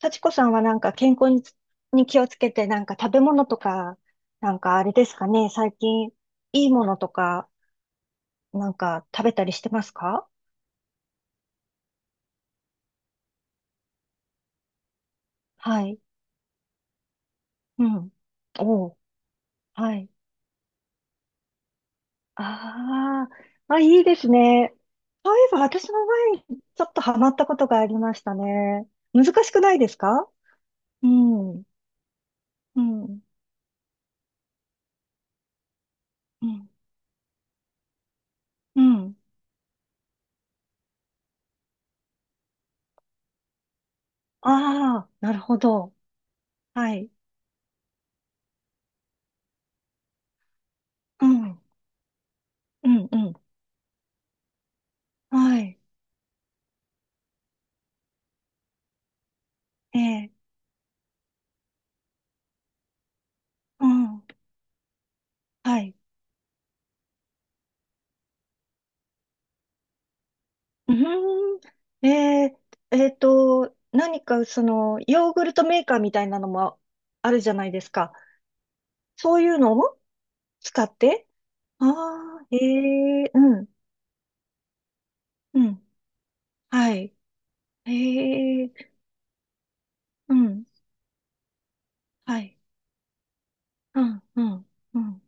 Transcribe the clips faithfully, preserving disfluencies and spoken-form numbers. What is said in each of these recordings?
幸子さんはなんか健康につ、に気をつけて、なんか食べ物とか、なんかあれですかね、最近いいものとか、なんか食べたりしてますか？はい。うん。おう。はい。ああ、まあ、いいですね。そういえば私の前にちょっとハマったことがありましたね。難しくないですか？うん。うん。うん。うん。ああ、なるほど。はい。うん。うん。うん。はい。ええ。うん。はい。うーん。えー、えーと、何かその、ヨーグルトメーカーみたいなのもあるじゃないですか。そういうのを使って。ああー、えー、うん、うん。はい。えー、うん、はい。うん、うん、うん、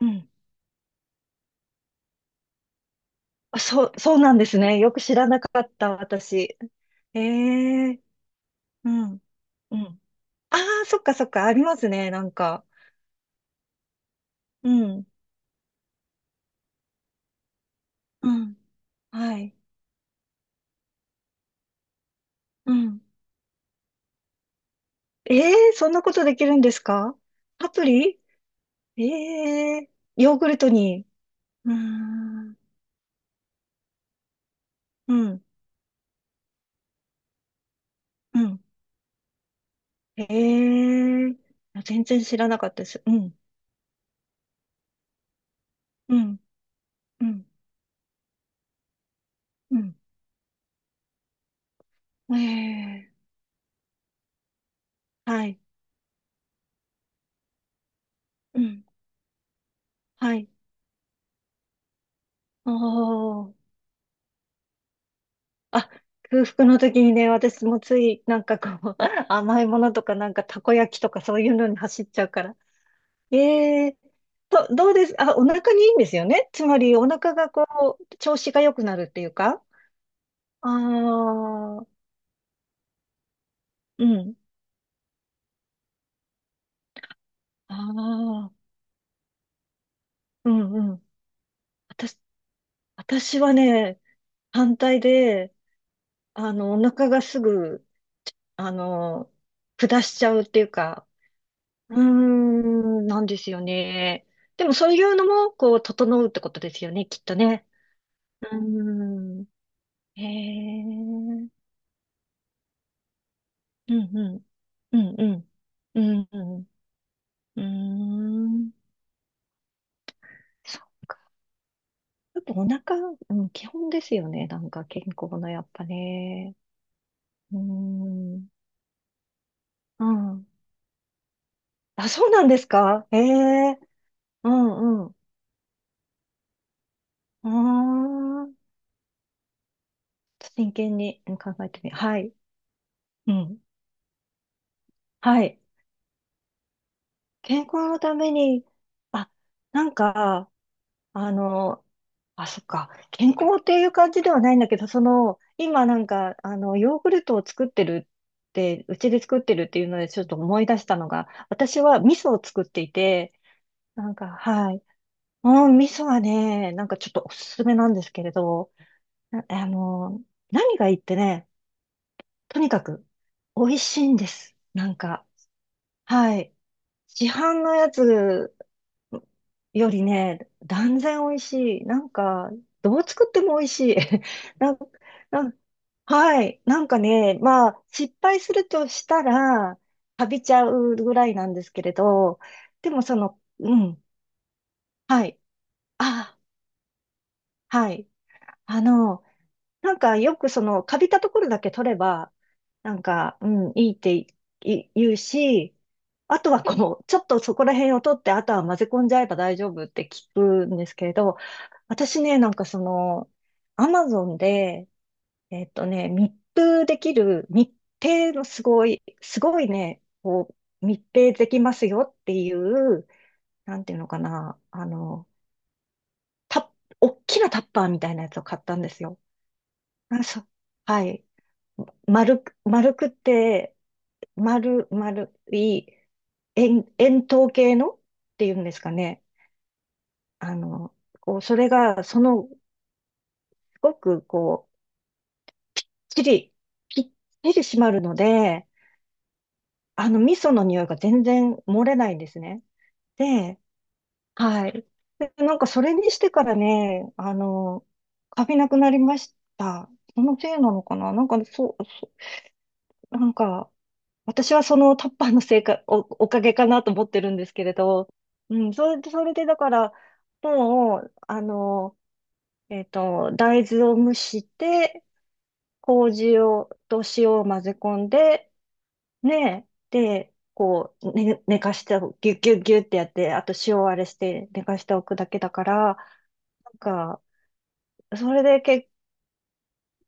うん。あ、そう、そうなんですね。よく知らなかった、私。えー、うん、うん。ああ、そっかそっか、ありますね、なんか。うん、うん、はい。うん。ええー、そんなことできるんですか？アプリ？ええー、ヨーグルトに。うーん、うん、うん。ええー、あ、全然知らなかったです。うん、うん、うん、うん。ええー、はい、うん、はい。おー。あ、空腹の時にね、私もつい、なんかこう、甘いものとか、なんかたこ焼きとかそういうのに走っちゃうから。ええと、どうです、あ、お腹にいいんですよね。つまり、お腹がこう、調子が良くなるっていうか。ああ、うん。ああ、うんうん。私、私はね、反対で、あの、お腹がすぐ、あの、下しちゃうっていうか、うーん、なんですよね。でも、そういうのも、こう、整うってことですよね、きっとね。うーん。へえ。うんうん。うんうん。うんうん、うーん。そう。やっぱお腹、うん、基本ですよね。なんか健康のやっぱね。うーん。うん。あ、そうなんですか、ええ、うんうん。うーん。真剣にうん考えてみ、はい。うん。はい。健康のために、あ、なんか、あの、あ、そっか。健康っていう感じではないんだけど、その、今なんか、あの、ヨーグルトを作ってるって、うちで作ってるっていうので、ちょっと思い出したのが、私は味噌を作っていて、なんか、はい。うん、味噌はね、なんかちょっとおすすめなんですけれど、なあの、何がいいってね、とにかく、美味しいんです。なんか、はい。市販のやつよりね、断然美味しい。なんか、どう作っても美味しい。なん、なん、はい。なんかね、まあ、失敗するとしたら、かびちゃうぐらいなんですけれど、でもその、うん、はい。あ、はい。あの、なんかよくその、かびたところだけ取れば、なんか、うん、いいっていい言うし、あとはこう、ちょっとそこら辺を取って、あとは混ぜ込んじゃえば大丈夫って聞くんですけれど、私ね、なんかその、アマゾンで、えっとね、密封できる、密閉のすごい、すごいね、こう、密閉できますよっていう、なんていうのかな、あの、タッ、おっきなタッパーみたいなやつを買ったんですよ。あ、そう。はい。丸く、丸くて、丸、丸い、円、円筒形のっていうんですかね。あの、こう、それが、その、すごく、こう、ちり、ぴっちり締まるので、あの、味噌の匂いが全然漏れないんですね。で、はい。で、なんかそれにしてからね、あの、カビなくなりました。そのせいなのかな、なんか、そう、そう、なんか、私はそのタッパーのせいか、お、おかげかなと思ってるんですけれど、うん、それで、それでだから、もう、あの、えっと、大豆を蒸して、麹を、と塩を混ぜ込んで、ねえ。で、こう、ね、寝かしておく、ぎゅっぎゅっぎゅってやって、あと塩あれして寝かしておくだけだから、なんか、それでけ、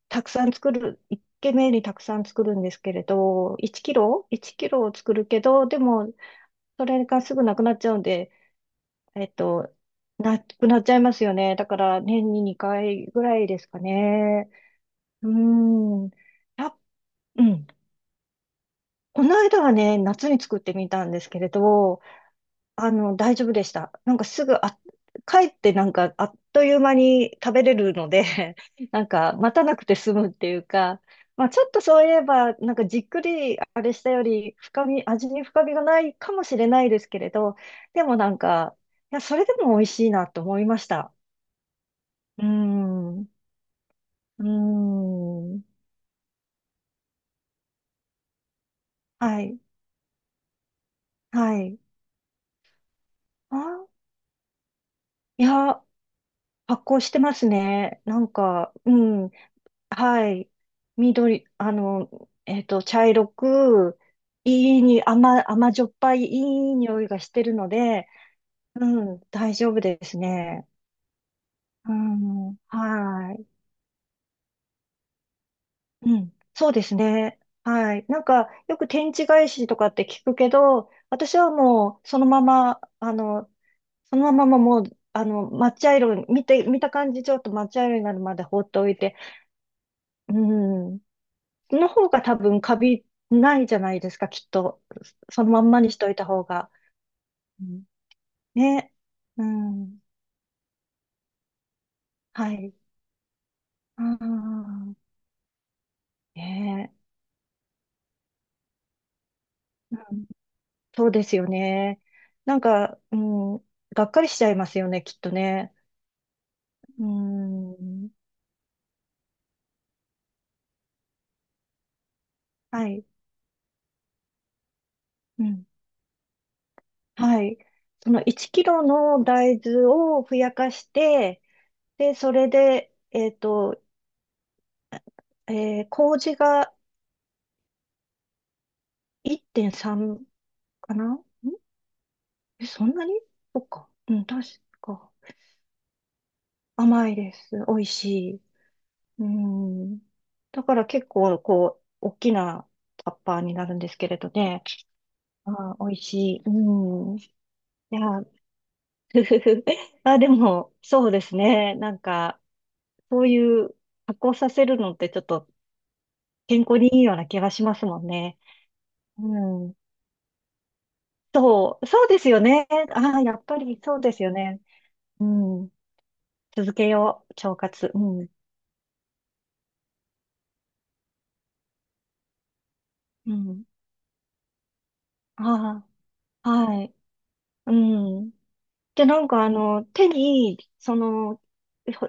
たくさん作る、一軒目にたくさん作るんですけれど、いちキロ ?いち キロを作るけど、でも、それがすぐなくなっちゃうんで、えっと、なくなっちゃいますよね。だから、年ににかいぐらいですかね。うーん。あ、うん。この間はね、夏に作ってみたんですけれど、あの、大丈夫でした。なんかすぐ、あ、帰ってなんかあっという間に食べれるので、 なんか待たなくて済むっていうか、まあちょっとそういえば、なんかじっくりあれしたより深み、味に深みがないかもしれないですけれど、でもなんか、いや、それでも美味しいなと思いました。うーん、うーん、はい、はい。あ、いや、発酵してますね。なんか、うん。はい。緑、あの、えっと、茶色く、いいに、甘、甘じょっぱいいい匂いがしてるので、うん、大丈夫ですね。うん、はい。うん、そうですね。はい。なんか、よく天地返しとかって聞くけど、私はもう、そのまま、あの、そのままもう、あの、抹茶色、見て、見た感じ、ちょっと抹茶色になるまで放っておいて、うん、の方が多分カビないじゃないですか、きっと。そのまんまにしといた方が。うん、ね。うん。はい。ああ、ねえ、うん。そうですよね。なんか、うん、がっかりしちゃいますよね、きっとね。うん。はい。うん。はい。そのいちキロの大豆をふやかして、で、それで、えっと、えー麹がいってんさんかな。え、そんなに？そっか。うん、確か。甘いです。美味しい。うん。だから結構、こう、大きなタッパーになるんですけれどね。あー、美味しい。うん。いや、ふふふ。あ、でも、そうですね。なんか、そういう発酵させるのってちょっと健康にいいような気がしますもんね。うん。そう、そうですよね。ああ、やっぱりそうですよね。うん。続けよう、腸活。うん。うん。ああ。はい。うん。で、なんかあの、手に、その、ほ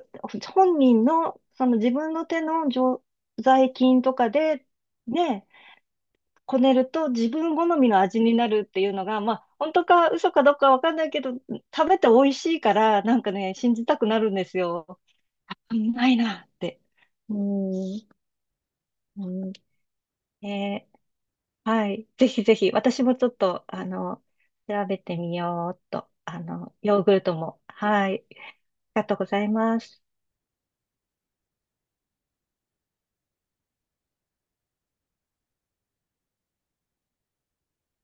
本人の、その自分の手の常在菌とかで、ね、こねると自分好みの味になるっていうのが、まあ、本当か嘘かどうかわかんないけど、食べて美味しいから、なんかね、信じたくなるんですよ。うまいなって。うん。うん、えー、はい。ぜひぜひ、私もちょっと、あの、調べてみようっと。あの、ヨーグルトも。はい。ありがとうございます。